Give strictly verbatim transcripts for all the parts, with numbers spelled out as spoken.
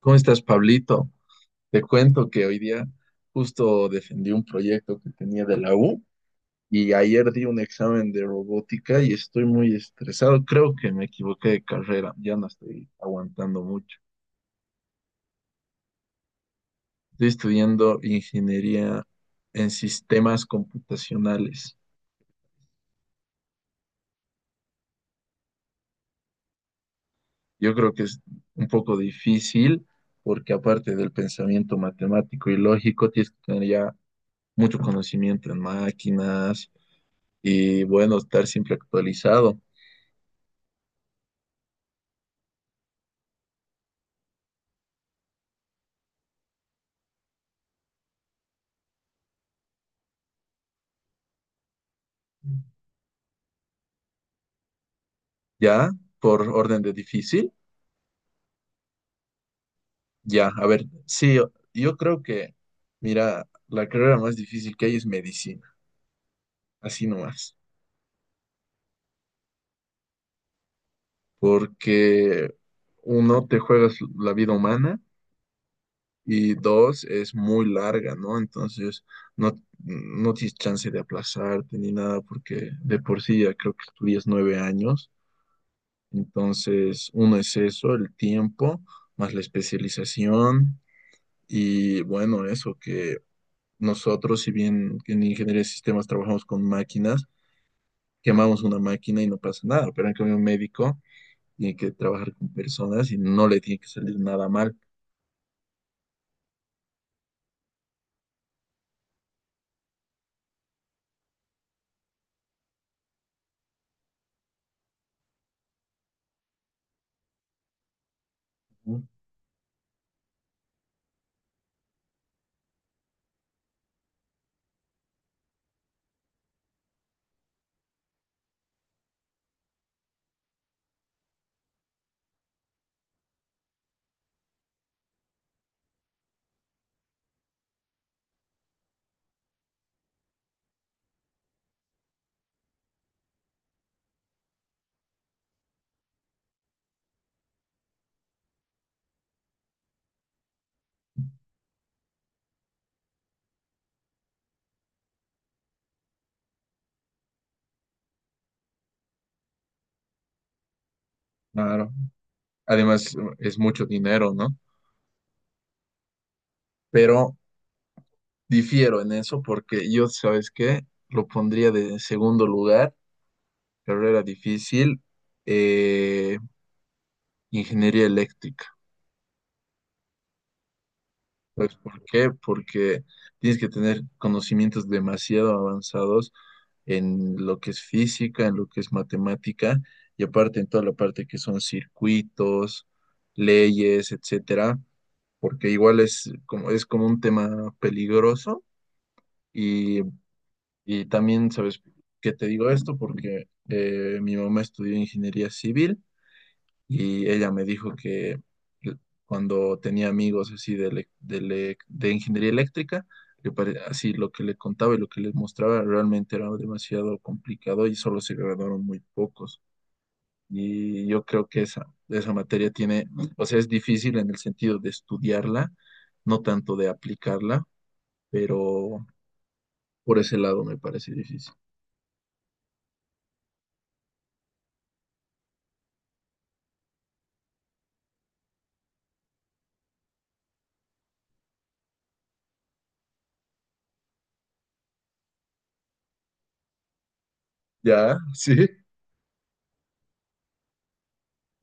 ¿Cómo estás, Pablito? Te cuento que hoy día justo defendí un proyecto que tenía de la U y ayer di un examen de robótica y estoy muy estresado. Creo que me equivoqué de carrera, ya no estoy aguantando mucho. Estoy estudiando ingeniería en sistemas computacionales. Yo creo que es un poco difícil porque aparte del pensamiento matemático y lógico, tienes que tener ya mucho conocimiento en máquinas y bueno, estar siempre actualizado. Ya, por orden de difícil, ya, a ver, sí, yo, yo creo que, mira, la carrera más difícil que hay es medicina, así nomás, porque uno, te juegas la vida humana y dos, es muy larga, ¿no? Entonces, no, no tienes chance de aplazarte ni nada, porque de por sí ya creo que estudias nueve años, entonces, uno es eso, el tiempo, más la especialización. Y bueno, eso que nosotros, si bien en ingeniería de sistemas trabajamos con máquinas, quemamos una máquina y no pasa nada, pero en cambio un médico tiene que trabajar con personas y no le tiene que salir nada mal. Claro. Además, es mucho dinero, ¿no? Pero difiero en eso porque yo, ¿sabes qué? Lo pondría de segundo lugar, carrera difícil, eh, ingeniería eléctrica. Pues, ¿por qué? Porque tienes que tener conocimientos demasiado avanzados en lo que es física, en lo que es matemática, y aparte en toda la parte que son circuitos, leyes, etcétera, porque igual es como, es como un tema peligroso. Y, y también, ¿sabes qué te digo esto? Porque eh, mi mamá estudió ingeniería civil y ella me dijo que l- cuando tenía amigos así de, elec- de, elec- de ingeniería eléctrica, le pare- así lo que le contaba y lo que les mostraba realmente era demasiado complicado y solo se graduaron muy pocos. Y yo creo que esa, esa materia tiene, o sea, es difícil en el sentido de estudiarla, no tanto de aplicarla, pero por ese lado me parece difícil. Ya, sí.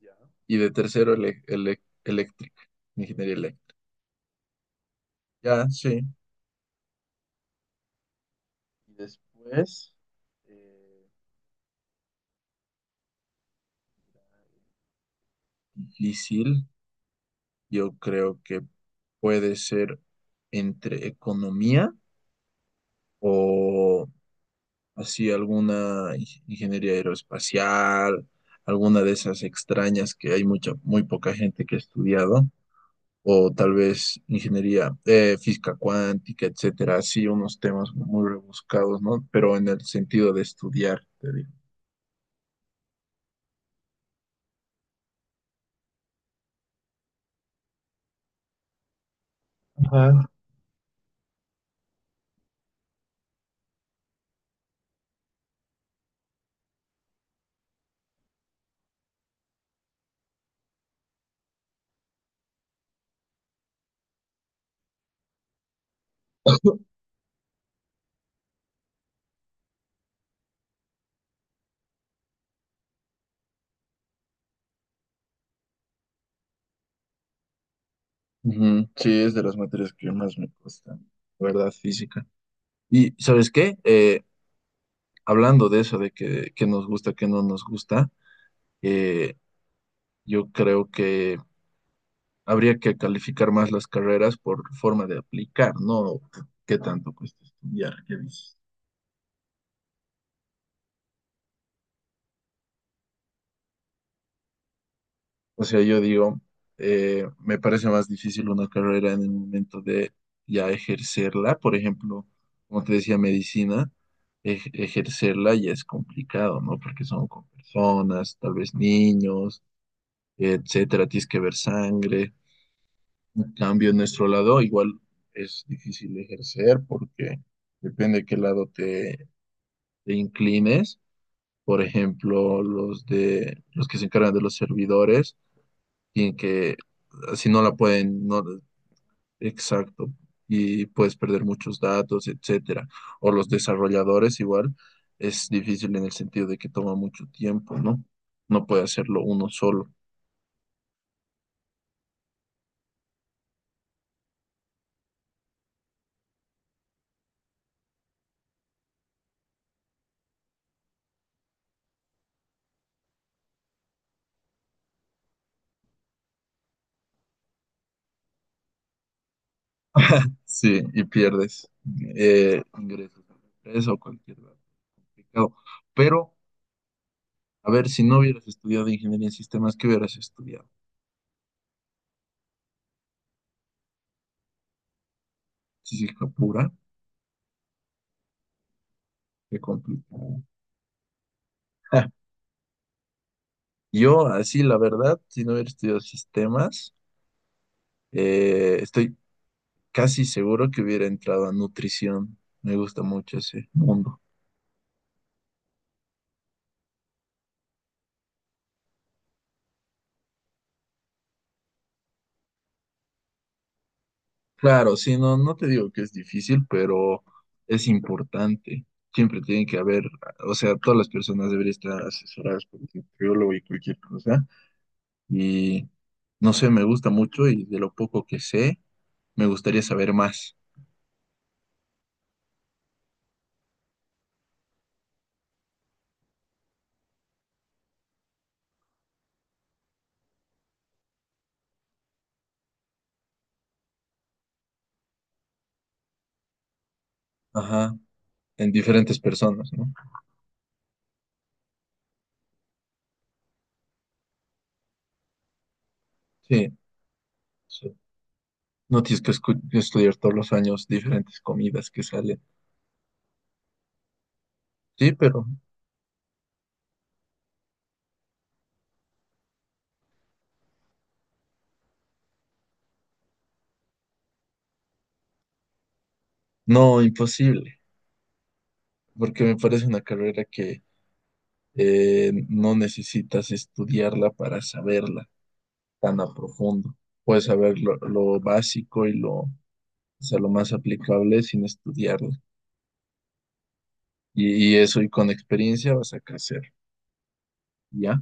Ya. Y de tercero, ele- ele- eléctrica, ingeniería eléctrica. Ya, sí. Y después, eh, difícil, yo creo que puede ser entre economía o así alguna ing- ingeniería aeroespacial, alguna de esas extrañas que hay mucha, muy poca gente que ha estudiado, o tal vez ingeniería eh, física cuántica, etcétera, así unos temas muy rebuscados, ¿no? Pero en el sentido de estudiar, te digo. Ujú. Sí, es de las materias que más me cuestan, la verdad, física. Y ¿sabes qué? Eh, hablando de eso, de que, que nos gusta, que no nos gusta, eh, yo creo que habría que calificar más las carreras por forma de aplicar, no qué tanto cuesta estudiar, ¿qué dices? O sea, yo digo, eh, me parece más difícil una carrera en el momento de ya ejercerla. Por ejemplo, como te decía, medicina, ej- ejercerla ya es complicado, ¿no? Porque son con personas, tal vez niños, etcétera, tienes que ver sangre. En cambio, en nuestro lado, igual es difícil ejercer porque depende de qué lado te, te inclines. Por ejemplo, los de los que se encargan de los servidores y que así no la pueden, no, exacto, y puedes perder muchos datos, etcétera. O los desarrolladores igual, es difícil en el sentido de que toma mucho tiempo, ¿no? No puede hacerlo uno solo. Sí, y pierdes eh, ingresos a la empresa o cualquier dato complicado. Pero, a ver, si no hubieras estudiado ingeniería en sistemas, ¿qué hubieras estudiado? Física pura, qué complicado. Yo, así, la verdad, si no hubiera estudiado sistemas, eh, estoy casi seguro que hubiera entrado a nutrición. Me gusta mucho ese mundo. Claro, sí, no, no te digo que es difícil, pero es importante. Siempre tiene que haber, o sea, todas las personas deberían estar asesoradas por un nutriólogo y cualquier cosa. Y no sé, me gusta mucho y de lo poco que sé, me gustaría saber más. Ajá, en diferentes personas, ¿no? Sí, sí. No tienes que escu- estudiar todos los años diferentes comidas que salen. Sí, pero no, imposible. Porque me parece una carrera que eh, no necesitas estudiarla para saberla tan a profundo. Puedes saber lo, lo básico y lo, o sea, lo más aplicable sin estudiarla. Y, y eso y con experiencia vas a crecer, ¿ya?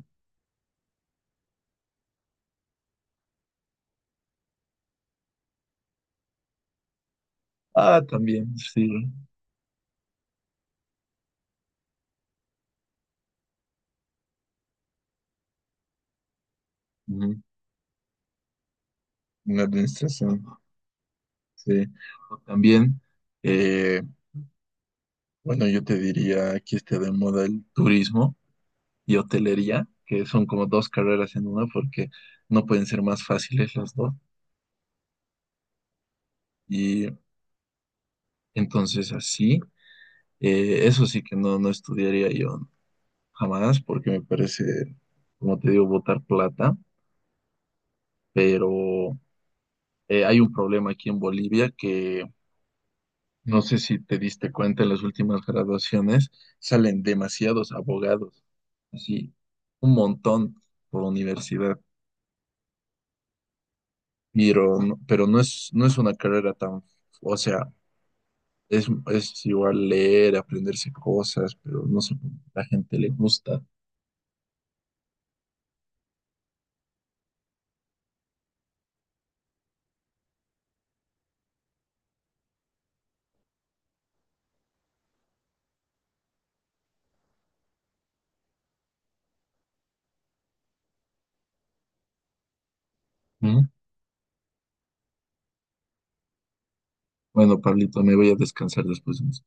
Ah, también, sí. Ujú. En administración, sí. O también, eh, bueno, yo te diría, aquí está de moda el turismo y hotelería, que son como dos carreras en una porque no pueden ser más fáciles las dos. Y entonces así, eh, eso sí que no, no estudiaría yo jamás porque me parece, como te digo, botar plata, pero eh, hay un problema aquí en Bolivia que no sé si te diste cuenta en las últimas graduaciones, salen demasiados abogados, así, un montón por universidad, pero, no- pero no es, no es una carrera tan, o sea, es, es igual leer, aprenderse cosas, pero no sé, la gente le gusta. ¿No? Bueno, Pablito, me voy a descansar después de esto.